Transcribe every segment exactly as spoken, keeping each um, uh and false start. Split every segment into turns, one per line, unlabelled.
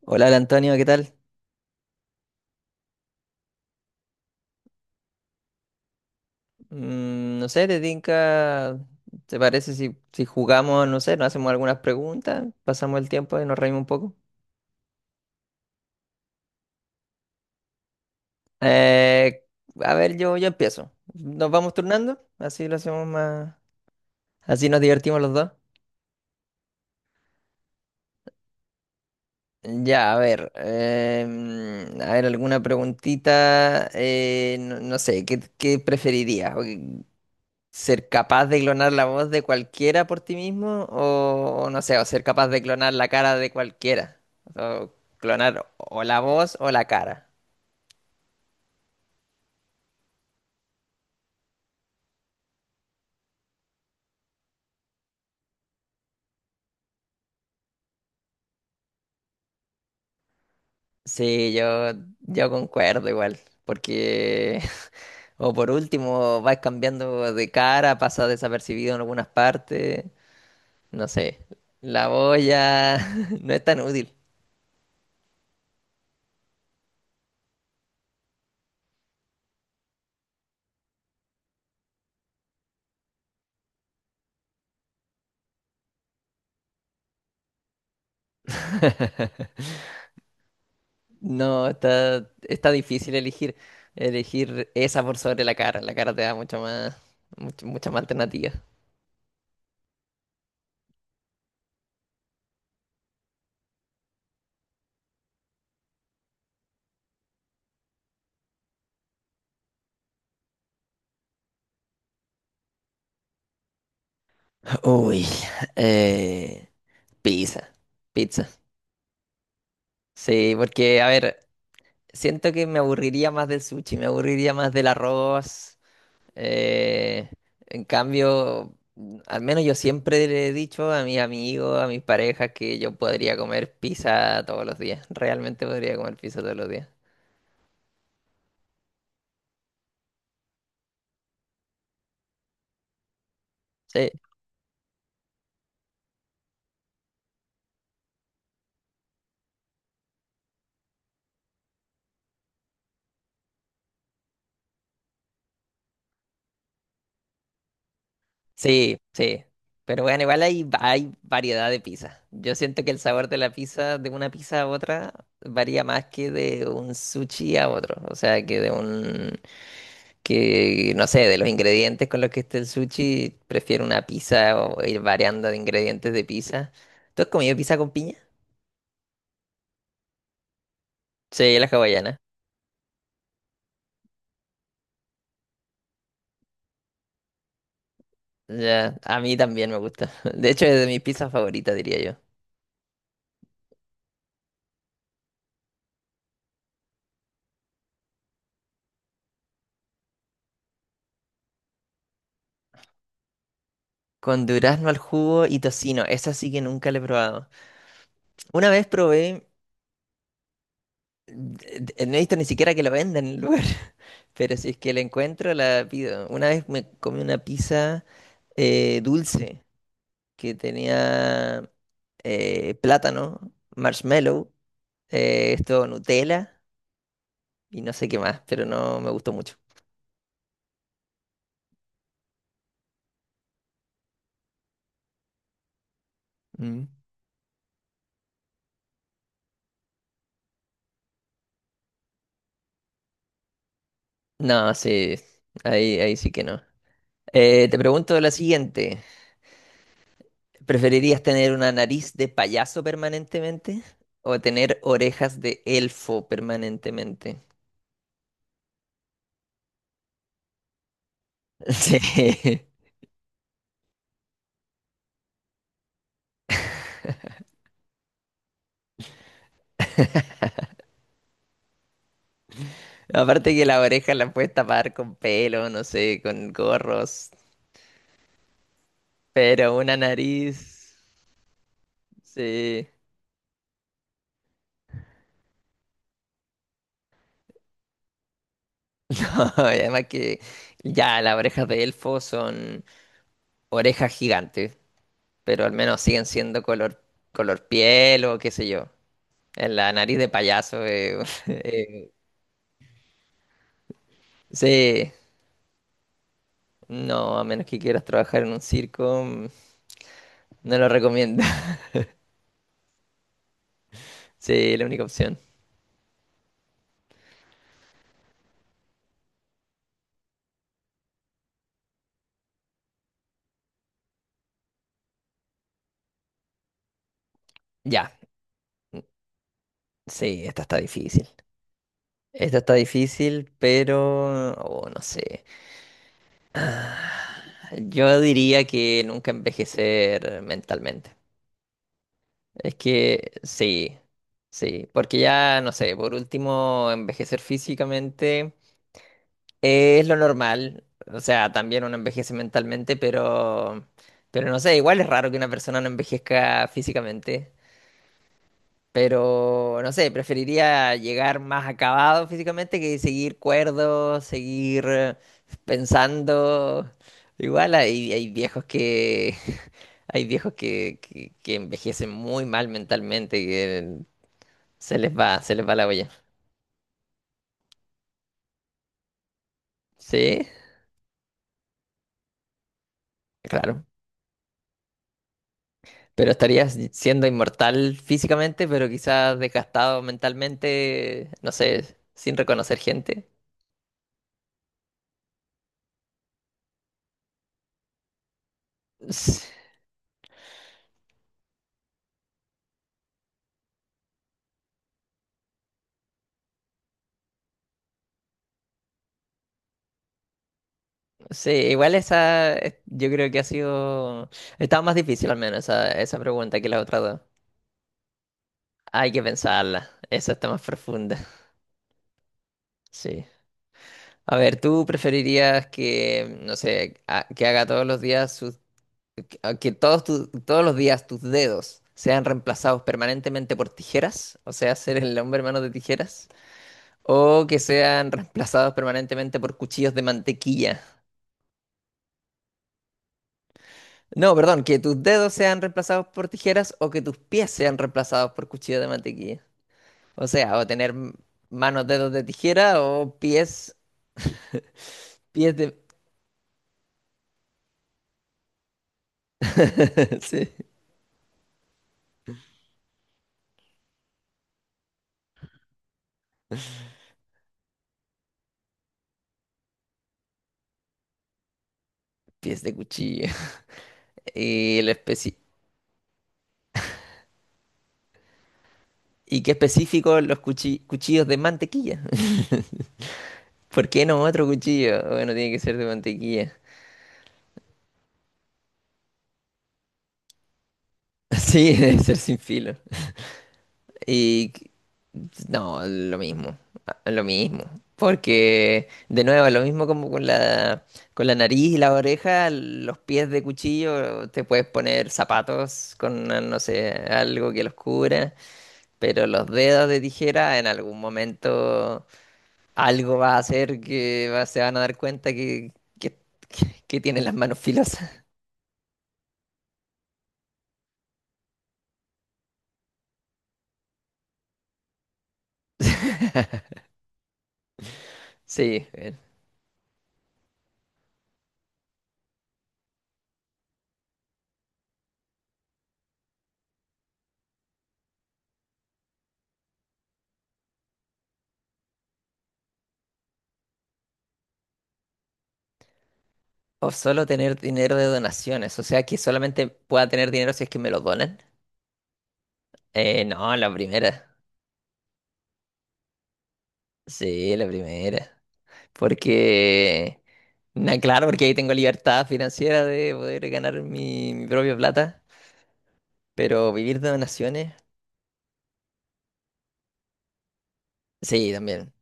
Hola, hola, Antonio, ¿qué tal? Mm, no sé, ¿te tinca? ¿Te parece si si jugamos, no sé, nos hacemos algunas preguntas, pasamos el tiempo y nos reímos un poco? Eh, a ver, yo, yo empiezo. Nos vamos turnando, así lo hacemos más, así nos divertimos los dos. Ya, a ver, em, a ver, alguna preguntita, eh, no, no sé, ¿qué, qué preferirías? Ser capaz de clonar la voz de cualquiera por ti mismo o o no sé, o ser capaz de clonar la cara de cualquiera. O clonar o la voz o la cara. Sí, yo, yo concuerdo igual. Porque, o por último, vas cambiando de cara, pasa desapercibido en algunas partes. No sé, la voz ya no es tan útil. No, está, está difícil elegir, elegir esa por sobre la cara. La cara te da mucho más, mucho- mucha más alternativa. Uy, eh, pizza, pizza. Sí, porque, a ver, siento que me aburriría más del sushi, me aburriría más del arroz. eh, en cambio, al menos yo siempre le he dicho a mis amigos, a mis parejas, que yo podría comer pizza todos los días. Realmente podría comer pizza todos los días. Sí. Sí, sí. Pero bueno, igual hay, hay variedad de pizza. Yo siento que el sabor de la pizza, de una pizza a otra, varía más que de un sushi a otro. O sea, que de un, que no sé, de los ingredientes con los que esté el sushi, prefiero una pizza o ir variando de ingredientes de pizza. ¿Tú has comido pizza con piña? Sí, la hawaiana. Ya, a mí también me gusta. De hecho, es de mis pizzas favoritas, diría yo. Con durazno al jugo y tocino. Esa sí que nunca la he probado. Una vez probé. Eh, No he visto ni siquiera que lo venda en el lugar, pero si es que la encuentro, la pido. Una vez me comí una pizza eh, dulce que tenía eh, plátano, marshmallow, eh, esto Nutella y no sé qué más, pero no me gustó mucho. Mm. No, sí, ahí, ahí sí que no. Eh, te pregunto la siguiente, ¿preferirías tener una nariz de payaso permanentemente o tener orejas de elfo permanentemente? Sí. Aparte que la oreja la puedes tapar con pelo, no sé, con gorros, pero una nariz, sí. No, y además que ya las orejas de elfo son orejas gigantes, pero al menos siguen siendo color, color piel o qué sé yo. En la nariz de payaso, eh, eh, sí. No, a menos que quieras trabajar en un circo, mm, no lo recomiendo. Sí, la única opción. Ya, sí, esta está difícil. Esta está difícil, pero oh, no sé. Ah, yo diría que nunca envejecer mentalmente. Es que sí, sí, porque ya, no sé, por último, envejecer físicamente es lo normal. O sea, también uno envejece mentalmente, pero, pero no sé, igual es raro que una persona no envejezca físicamente. Pero no sé, preferiría llegar más acabado físicamente que seguir cuerdo, seguir eh, pensando. Igual hay, hay viejos que hay viejos que, que, que envejecen muy mal mentalmente, que se les va, se les va la olla. Sí, claro. Pero estarías siendo inmortal físicamente, pero quizás desgastado mentalmente, no sé, sin reconocer gente. Sí, igual esa, eh, yo creo que ha sido, estaba más difícil al menos esa, esa pregunta que las otras dos. Hay que pensarla, esa está más profunda. Sí. A ver, ¿tú preferirías que, no sé, a- que haga todos los días sus, que a- que todos tus- todos los días tus dedos sean reemplazados permanentemente por tijeras? O sea, ser el hombre hermano de tijeras. ¿O que sean reemplazados permanentemente por cuchillos de mantequilla? No, perdón, que tus dedos sean reemplazados por tijeras o que tus pies sean reemplazados por cuchillos de mantequilla. O sea, o tener m- manos, dedos de tijera o pies, pies de, sí, pies de cuchillo. Y, el especi- y qué específico los cuchi- cuchillos de mantequilla. ¿Por qué no otro cuchillo? Bueno, tiene que ser de mantequilla. Sí, debe ser sin filo. Y no, lo mismo, a- lo mismo. Porque, de nuevo, lo mismo como con la, con la nariz y la oreja, los pies de cuchillo, te puedes poner zapatos con, no sé, algo que los cubra, pero los dedos de tijera, en algún momento algo va a hacer que va- se van a dar cuenta que, que, que que tienen las manos filosas. Sí. eh. O solo tener dinero de donaciones, o sea que solamente pueda tener dinero si es que me lo donan. Eh, no, la primera. Sí, la primera. Porque, na, claro, porque ahí tengo libertad financiera de poder ganar mi, mi propia plata, pero vivir de donaciones, sí, también.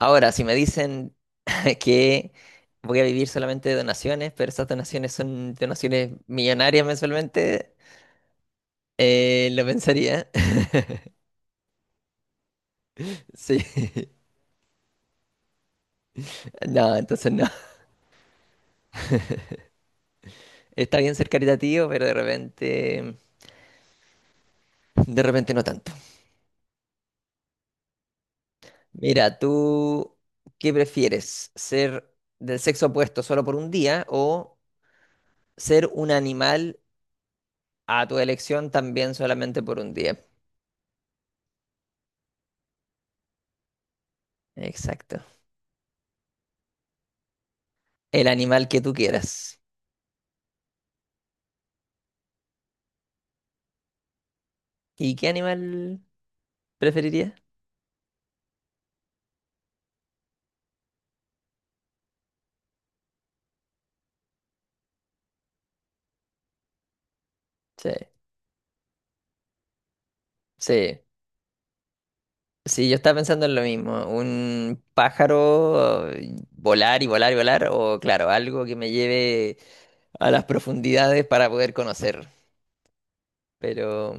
Ahora, si me dicen que voy a vivir solamente de donaciones, pero esas donaciones son donaciones millonarias mensualmente, eh, lo pensaría. Sí, no, entonces no. Está bien ser caritativo, pero de repente, de repente no tanto. Mira, ¿tú qué prefieres? ¿Ser del sexo opuesto solo por un día o ser un animal a tu elección también solamente por un día? Exacto. El animal que tú quieras. ¿Y qué animal preferirías? Sí, sí. Sí, yo estaba pensando en lo mismo. Un pájaro, eh, volar y volar y volar, o claro, algo que me lleve a las profundidades para poder conocer. Pero,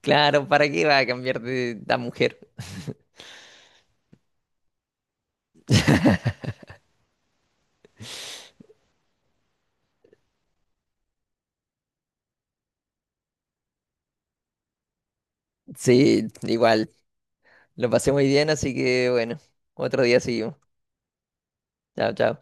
claro, ¿para qué va a cambiar de la mujer? Sí, igual. Lo pasé muy bien, así que bueno, otro día seguimos. Chao, chao.